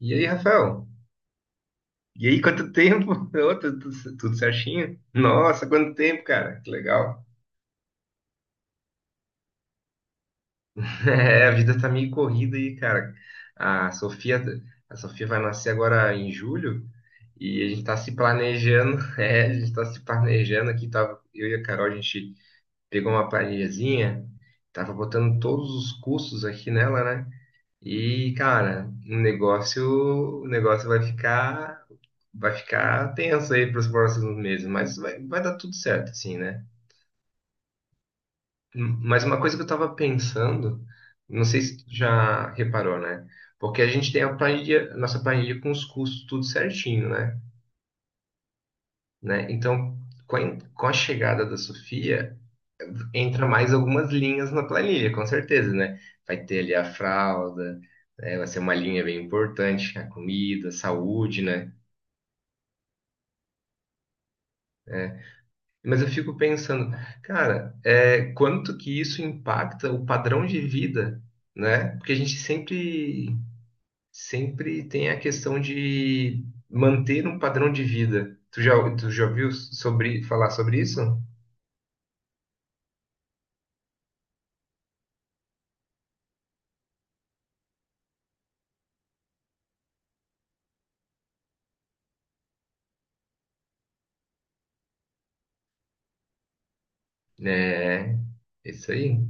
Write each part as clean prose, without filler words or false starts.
E aí, Rafael? E aí, quanto tempo? Ô, tudo, tudo certinho? Nossa, quanto tempo, cara. Que legal. É, a vida tá meio corrida aí, cara. A Sofia, a Sofia vai nascer agora em julho e a gente tá se planejando. É, a gente tá se planejando aqui. Tava, eu e a Carol, a gente pegou uma planilhazinha, tava botando todos os custos aqui nela, né? E, cara, o negócio vai ficar. Vai ficar tenso aí para os próximos meses, mas vai dar tudo certo, assim, né? Mas uma coisa que eu estava pensando, não sei se tu já reparou, né? Porque a gente tem a planilha, nossa planilha com os custos tudo certinho, né? Né? Então, com a chegada da Sofia, entra mais algumas linhas na planilha, com certeza, né? Vai ter ali a fralda, né? Vai ser uma linha bem importante, a comida, saúde, né? É, mas eu fico pensando, cara, quanto que isso impacta o padrão de vida, né? Porque a gente sempre tem a questão de manter um padrão de vida. Tu já ouviu sobre, falar sobre isso? É, isso aí.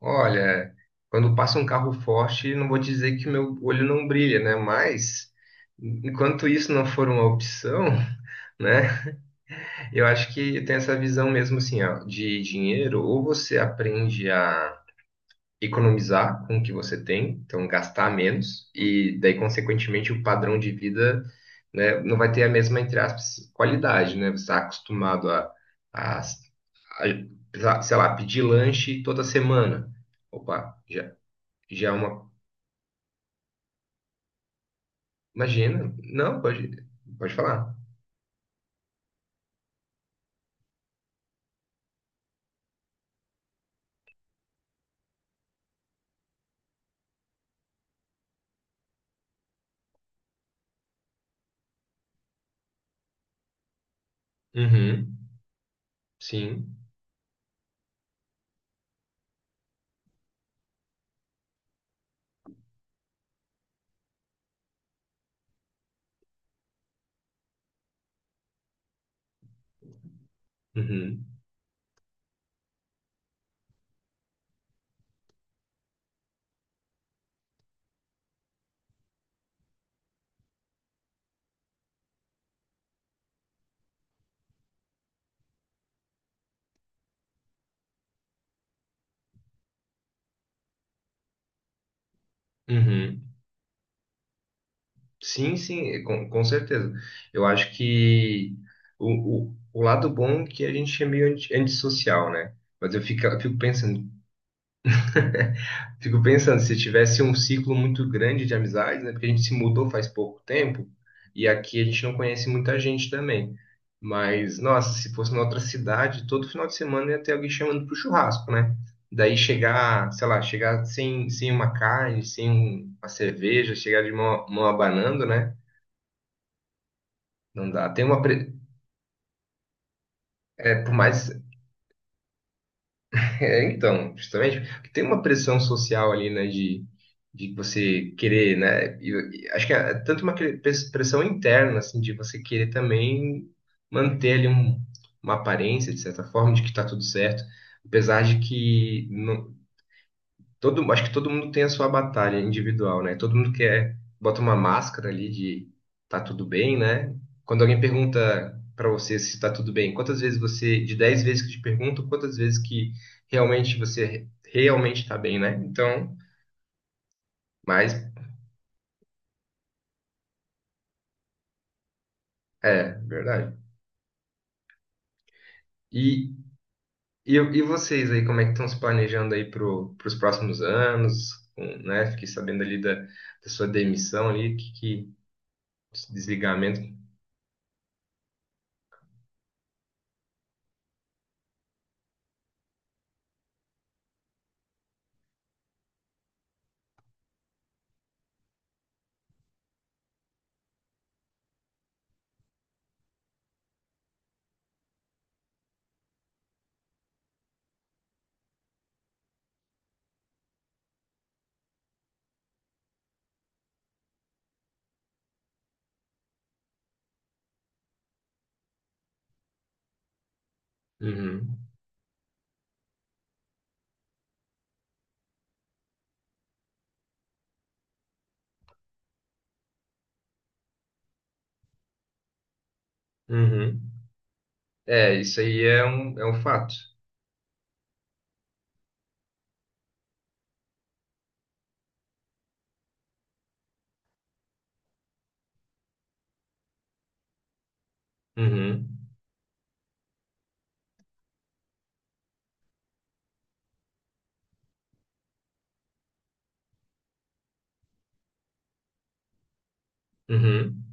Olha, quando passa um carro forte, não vou dizer que meu olho não brilha, né? Mas, enquanto isso não for uma opção, né? Eu acho que tem essa visão mesmo assim, ó, de dinheiro, ou você aprende a economizar com o que você tem, então gastar menos, e daí, consequentemente, o padrão de vida, né, não vai ter a mesma, entre aspas, qualidade, né? Você está acostumado a, sei lá, pedir lanche toda semana. Opa, já é uma. Imagina, não, pode falar. Uhum, sim, uhum, uhum. Sim, sim, é, com certeza. Eu acho que o lado bom é que a gente é meio antissocial, né? Mas eu fico pensando, se tivesse um ciclo muito grande de amizades, né? Porque a gente se mudou faz pouco tempo e aqui a gente não conhece muita gente também. Mas, nossa, se fosse em outra cidade, todo final de semana ia ter alguém chamando pro churrasco, né? Daí chegar, sei lá, chegar sem uma carne, sem uma cerveja, chegar de mão abanando, né? Não dá. Tem uma. É, por mais. É, então, justamente, porque tem uma pressão social ali, né, de você querer, né? E acho que é tanto uma pressão interna, assim, de você querer também manter ali uma aparência, de certa forma, de que tá tudo certo, apesar de que acho que todo mundo tem a sua batalha individual, né? Todo mundo quer, bota uma máscara ali de tá tudo bem, né? Quando alguém pergunta pra você se tá tudo bem, quantas vezes você, de 10 vezes que te perguntam, quantas vezes que realmente você realmente tá bem, né? Então, mas é, verdade. E, e vocês aí, como é que estão se planejando aí pros próximos anos, né? Fiquei sabendo ali da sua demissão ali, que esse desligamento. Uhum. Uhum. É, isso aí é um, fato. Uhum, uhum,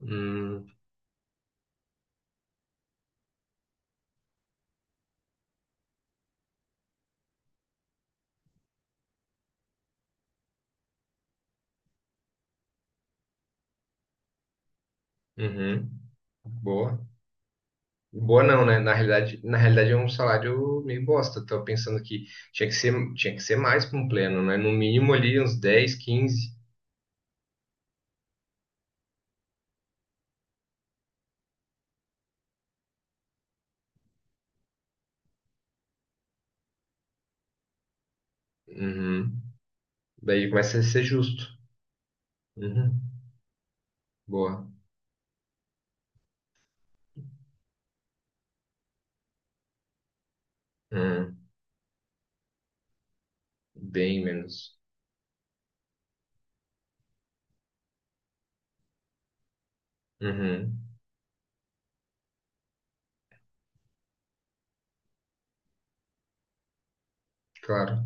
hum, uhum. Boa. Boa não, né? Na realidade é um salário meio bosta. Tô pensando que tinha que ser mais para um pleno, né? No mínimo ali uns 10, 15. Uhum. Daí começa a ser justo. Uhum. Boa. Uhum. Bem menos. Uhum. Claro.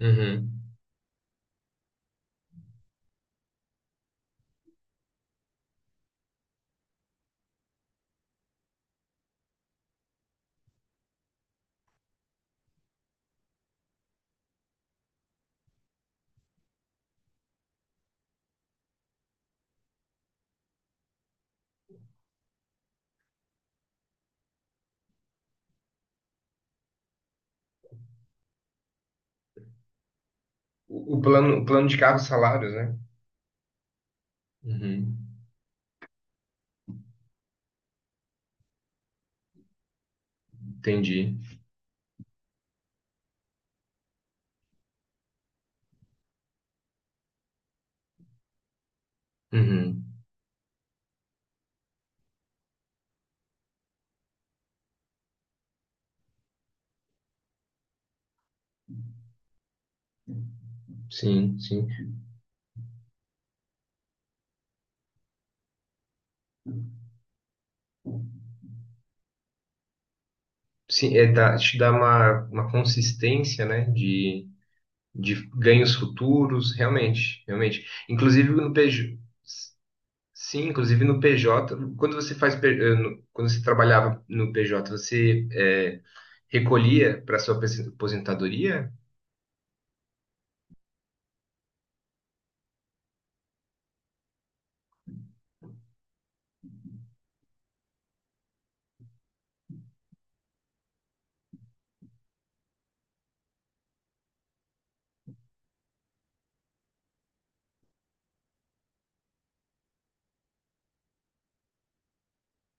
Uhum. O plano de carros salários, né? Uhum. Entendi. Uhum. Sim, sim. Sim, te dá uma consistência, né, de ganhos futuros, realmente, realmente. Inclusive no PJ, quando você trabalhava no PJ, você recolhia para sua aposentadoria?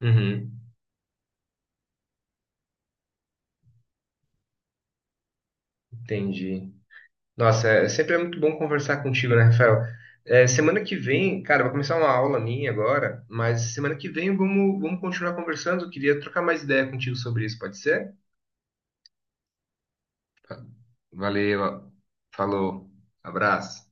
Uhum, entendi. Nossa, sempre é muito bom conversar contigo, né, Rafael? Semana que vem, cara, vai começar uma aula minha agora, mas semana que vem vamos continuar conversando. Eu queria trocar mais ideia contigo sobre isso, pode ser? Valeu, falou, abraço.